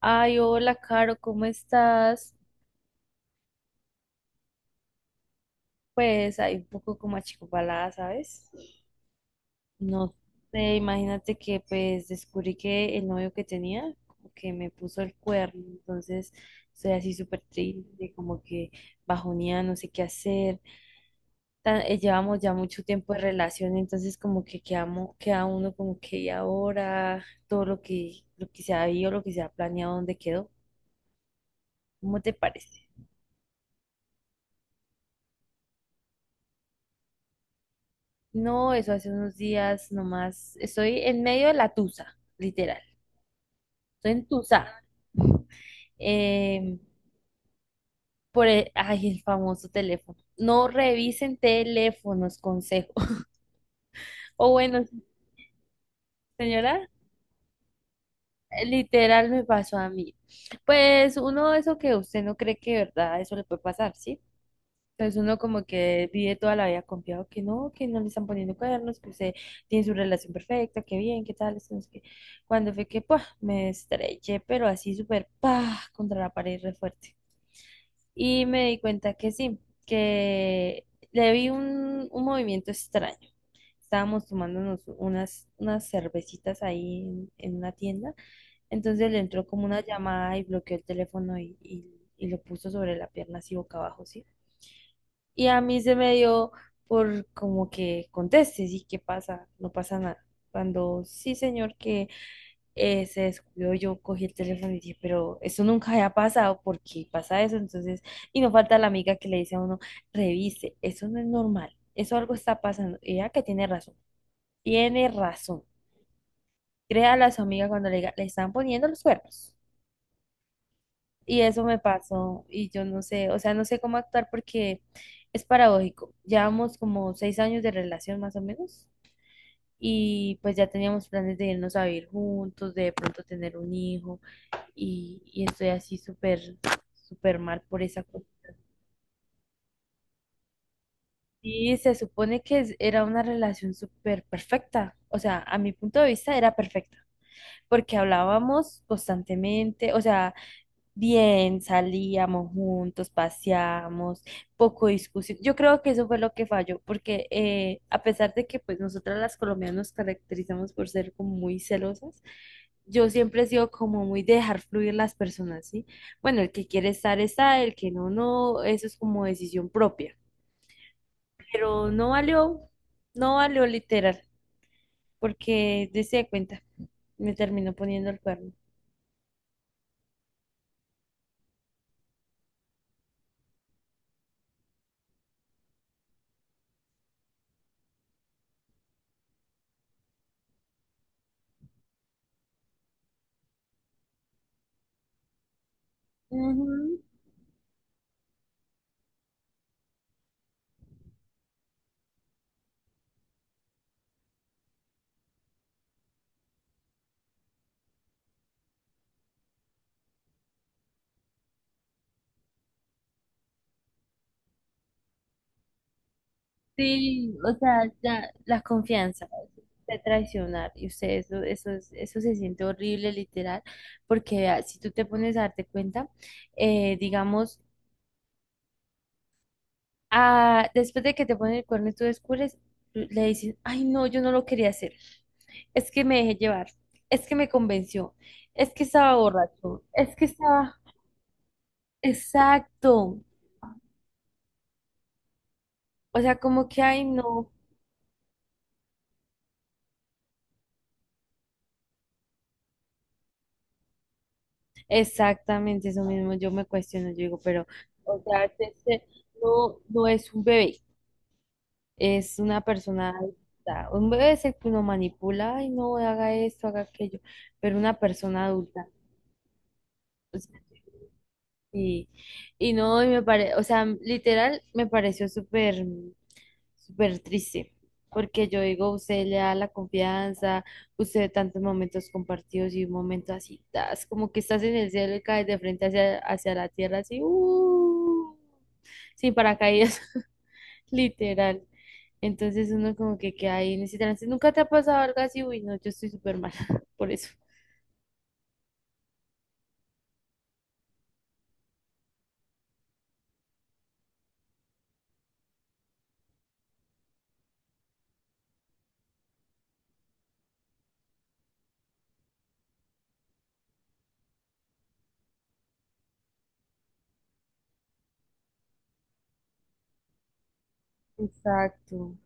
Ay, hola, Caro, ¿cómo estás? Pues ahí un poco como achicopalada, ¿sabes? No sé, imagínate que pues descubrí que el novio que tenía como que me puso el cuerno, entonces estoy así súper triste, como que bajoneada, no sé qué hacer. Llevamos ya mucho tiempo de relación, entonces como que quedamos, queda uno como que y ahora todo lo que se había, lo que se ha planeado, ¿dónde quedó? ¿Cómo te parece? No, eso hace unos días nomás. Estoy en medio de la tusa, literal. Estoy en tusa. eh, Ay, el famoso teléfono. No revisen teléfonos, consejo. O bueno, señora, literal me pasó a mí. Pues uno, eso que usted no cree que de verdad eso le puede pasar, ¿sí? Entonces uno como que vive toda la vida confiado que no le están poniendo cuernos, que usted tiene su relación perfecta, que bien, que tal, esto, no sé qué. Cuando fue que ¡pua! Me estreché pero así súper pa contra la pared re fuerte. Y me di cuenta que sí, que le vi un, movimiento extraño. Estábamos tomándonos unas, cervecitas ahí en una tienda. Entonces le entró como una llamada y bloqueó el teléfono y lo puso sobre la pierna así boca abajo, ¿sí? Y a mí se me dio por como que conteste, sí, ¿qué pasa? No pasa nada. Cuando sí, señor, que se descuidó, yo cogí el teléfono y dije, pero eso nunca había pasado, ¿por qué pasa eso? Entonces, y no falta la amiga que le dice a uno, revise, eso no es normal, eso algo está pasando. Y ella que tiene razón, tiene razón. Créale a su amiga cuando le diga, le están poniendo los cuernos. Y eso me pasó y yo no sé, o sea, no sé cómo actuar porque es paradójico. Llevamos como 6 años de relación más o menos y pues ya teníamos planes de irnos a vivir juntos, de pronto tener un hijo y estoy así súper, súper mal por esa cosa. Y se supone que era una relación súper perfecta, o sea, a mi punto de vista era perfecta porque hablábamos constantemente, o sea, bien, salíamos juntos, paseamos, poco discusión. Yo creo que eso fue lo que falló, porque a pesar de que pues nosotras las colombianas nos caracterizamos por ser como muy celosas, yo siempre he sido como muy de dejar fluir las personas, ¿sí? Bueno, el que quiere estar está, el que no, no, eso es como decisión propia. Pero no valió, no valió literal, porque dése cuenta, me terminó poniendo el cuerno. Ujú. Sí, o sea, ya la confianza de traicionar y usted eso, eso se siente horrible literal, porque vea, si tú te pones a darte cuenta, digamos, ah, después de que te ponen el cuerno y tú descubres, le dicen, ay, no, yo no lo quería hacer, es que me dejé llevar, es que me convenció, es que estaba borracho, es que estaba, exacto, o sea, como que, ay, no. Exactamente eso mismo, yo me cuestiono, yo digo, pero, o sea, este no, no es un bebé, es una persona adulta. Un bebé es el que uno manipula, ay, no, haga esto, haga aquello, pero una persona adulta. O sea, y, y no, o sea, literal, me pareció súper, súper triste, porque yo digo, usted le da la confianza, usted tantos momentos compartidos y un momento así, tas, como que estás en el cielo y caes de frente hacia la tierra, así, sin paracaídas, literal. Entonces uno como que queda ahí en ese trance. ¿Nunca te ha pasado algo así? Uy, no, yo estoy súper mal por eso. Exacto,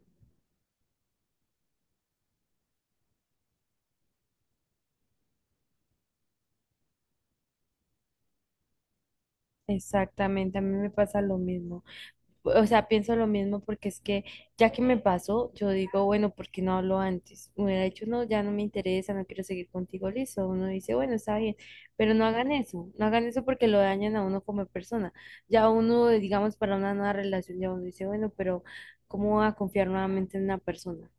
exactamente, a mí me pasa lo mismo. O sea, pienso lo mismo porque es que ya que me pasó, yo digo, bueno, ¿por qué no hablo antes? Me hubiera dicho, no, ya no me interesa, no quiero seguir contigo, listo. Uno dice, bueno, está bien, pero no hagan eso, no hagan eso porque lo dañan a uno como persona. Ya uno, digamos, para una nueva relación, ya uno dice, bueno, pero ¿cómo voy a confiar nuevamente en una persona?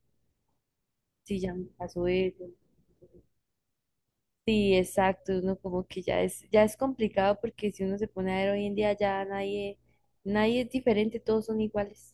Si ya me pasó eso. Sí, exacto, uno como que ya es complicado porque si uno se pone a ver hoy en día ya nadie, nadie es diferente, todos son iguales.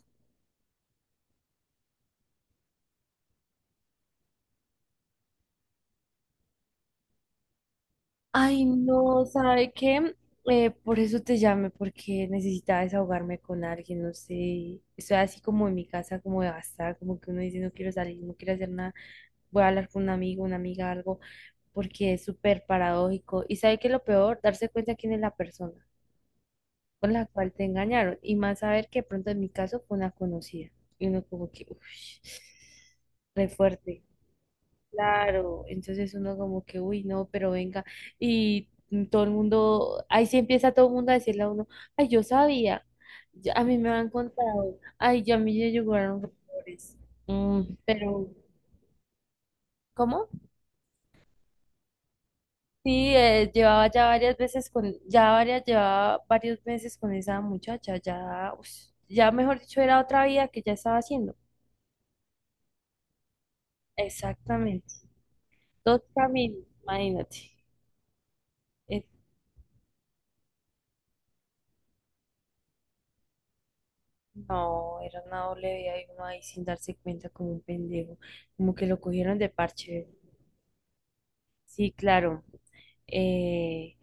Ay, no, ¿sabe qué? Por eso te llamé, porque necesitaba desahogarme con alguien, no sé. Estoy así como en mi casa, como de gastar, como que uno dice, no quiero salir, no quiero hacer nada, voy a hablar con un amigo, una amiga, algo, porque es súper paradójico. Y ¿sabe qué es lo peor? Darse cuenta quién es la persona con la cual te engañaron, y más saber que de pronto en mi caso fue una conocida. Y uno como que, uff, re fuerte. Claro, entonces uno como que, uy, no, pero venga, y todo el mundo, ahí sí empieza todo el mundo a decirle a uno, ay, yo sabía, a mí me han contado, ay, ya a mí me llegaron rumores. Pero, ¿cómo? Sí, llevaba ya varias veces con, ya varias, llevaba varios meses con esa muchacha, ya, ush, ya mejor dicho, era otra vida que ya estaba haciendo. Exactamente, dos caminos, imagínate. No, era una doble vida y uno ahí sin darse cuenta como un pendejo, como que lo cogieron de parche. Sí, claro. Eh,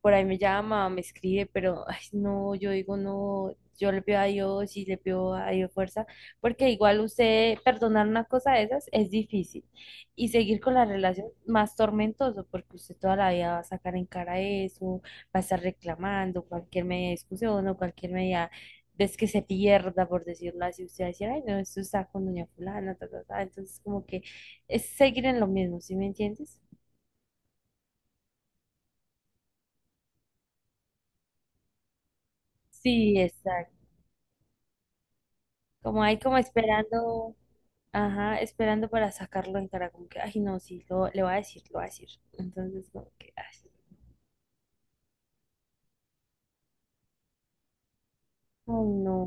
por ahí me llama, me escribe, pero ay, no, yo digo no, yo le pido a Dios y le pido a Dios fuerza, porque igual usted perdonar una cosa de esas es difícil y seguir con la relación más tormentoso, porque usted toda la vida va a sacar en cara eso, va a estar reclamando cualquier media discusión o cualquier media es que se pierda, por decirlo así, usted va a decir, ay, no, esto está con doña fulana, ta, ta, ta. Entonces, como que es seguir en lo mismo, ¿sí me entiendes? Sí, exacto. Como ahí como esperando, ajá, esperando para sacarlo en cara, como que, ay, no, sí, le voy a decir, lo voy a decir. Entonces, como que, ay, ay, no.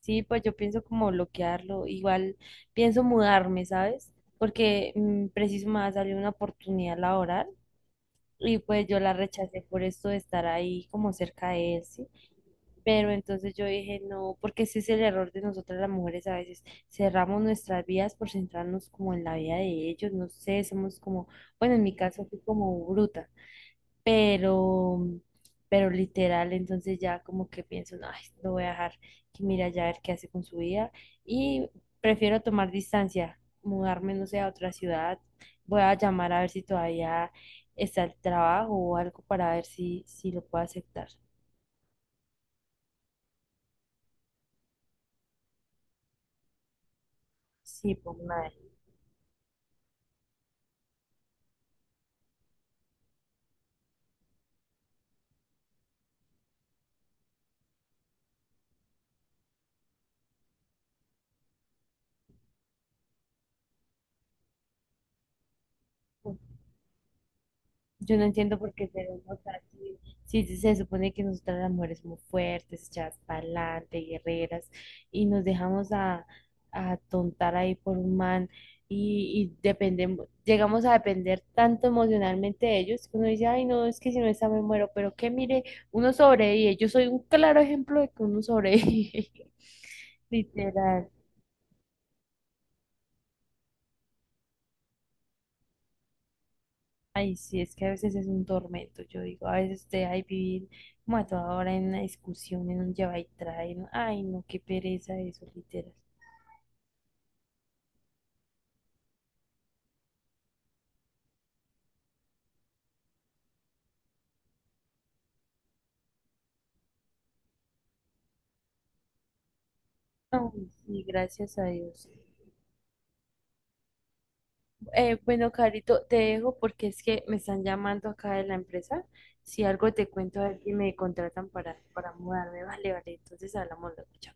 Sí, pues yo pienso como bloquearlo, igual pienso mudarme, ¿sabes? Porque preciso me va a salir una oportunidad laboral y pues yo la rechacé por esto de estar ahí como cerca de él, ¿sí? Pero entonces yo dije, no, porque ese es el error de nosotras las mujeres a veces. Cerramos nuestras vidas por centrarnos como en la vida de ellos, no sé, somos como, bueno, en mi caso fui como bruta, pero, pero literal, entonces ya como que pienso, no, ay, lo voy a dejar que mira ya a ver qué hace con su vida y prefiero tomar distancia, mudarme, no sé, a otra ciudad, voy a llamar a ver si todavía está el trabajo o algo para ver si, lo puedo aceptar. Sí, pues madre. Yo no entiendo por qué seremos así. Sí, sí, se supone que nosotras las mujeres somos fuertes, echadas para adelante, guerreras, y nos dejamos a tontar ahí por un man y dependemos, llegamos a depender tanto emocionalmente de ellos que uno dice, ay, no, es que si no está me muero, pero que mire, uno sobrevive. Yo soy un claro ejemplo de que uno sobrevive, literal. Ay, sí, es que a veces es un tormento, yo digo, a veces de ahí vivir como a toda hora en una discusión, en un lleva y trae, ay, no, qué pereza eso, literal. Ay, sí, gracias a Dios. Bueno, Carito, te dejo porque es que me están llamando acá de la empresa. Si algo te cuento, a ver si me contratan para, mudarme, vale, vale, entonces hablamos luego, chao.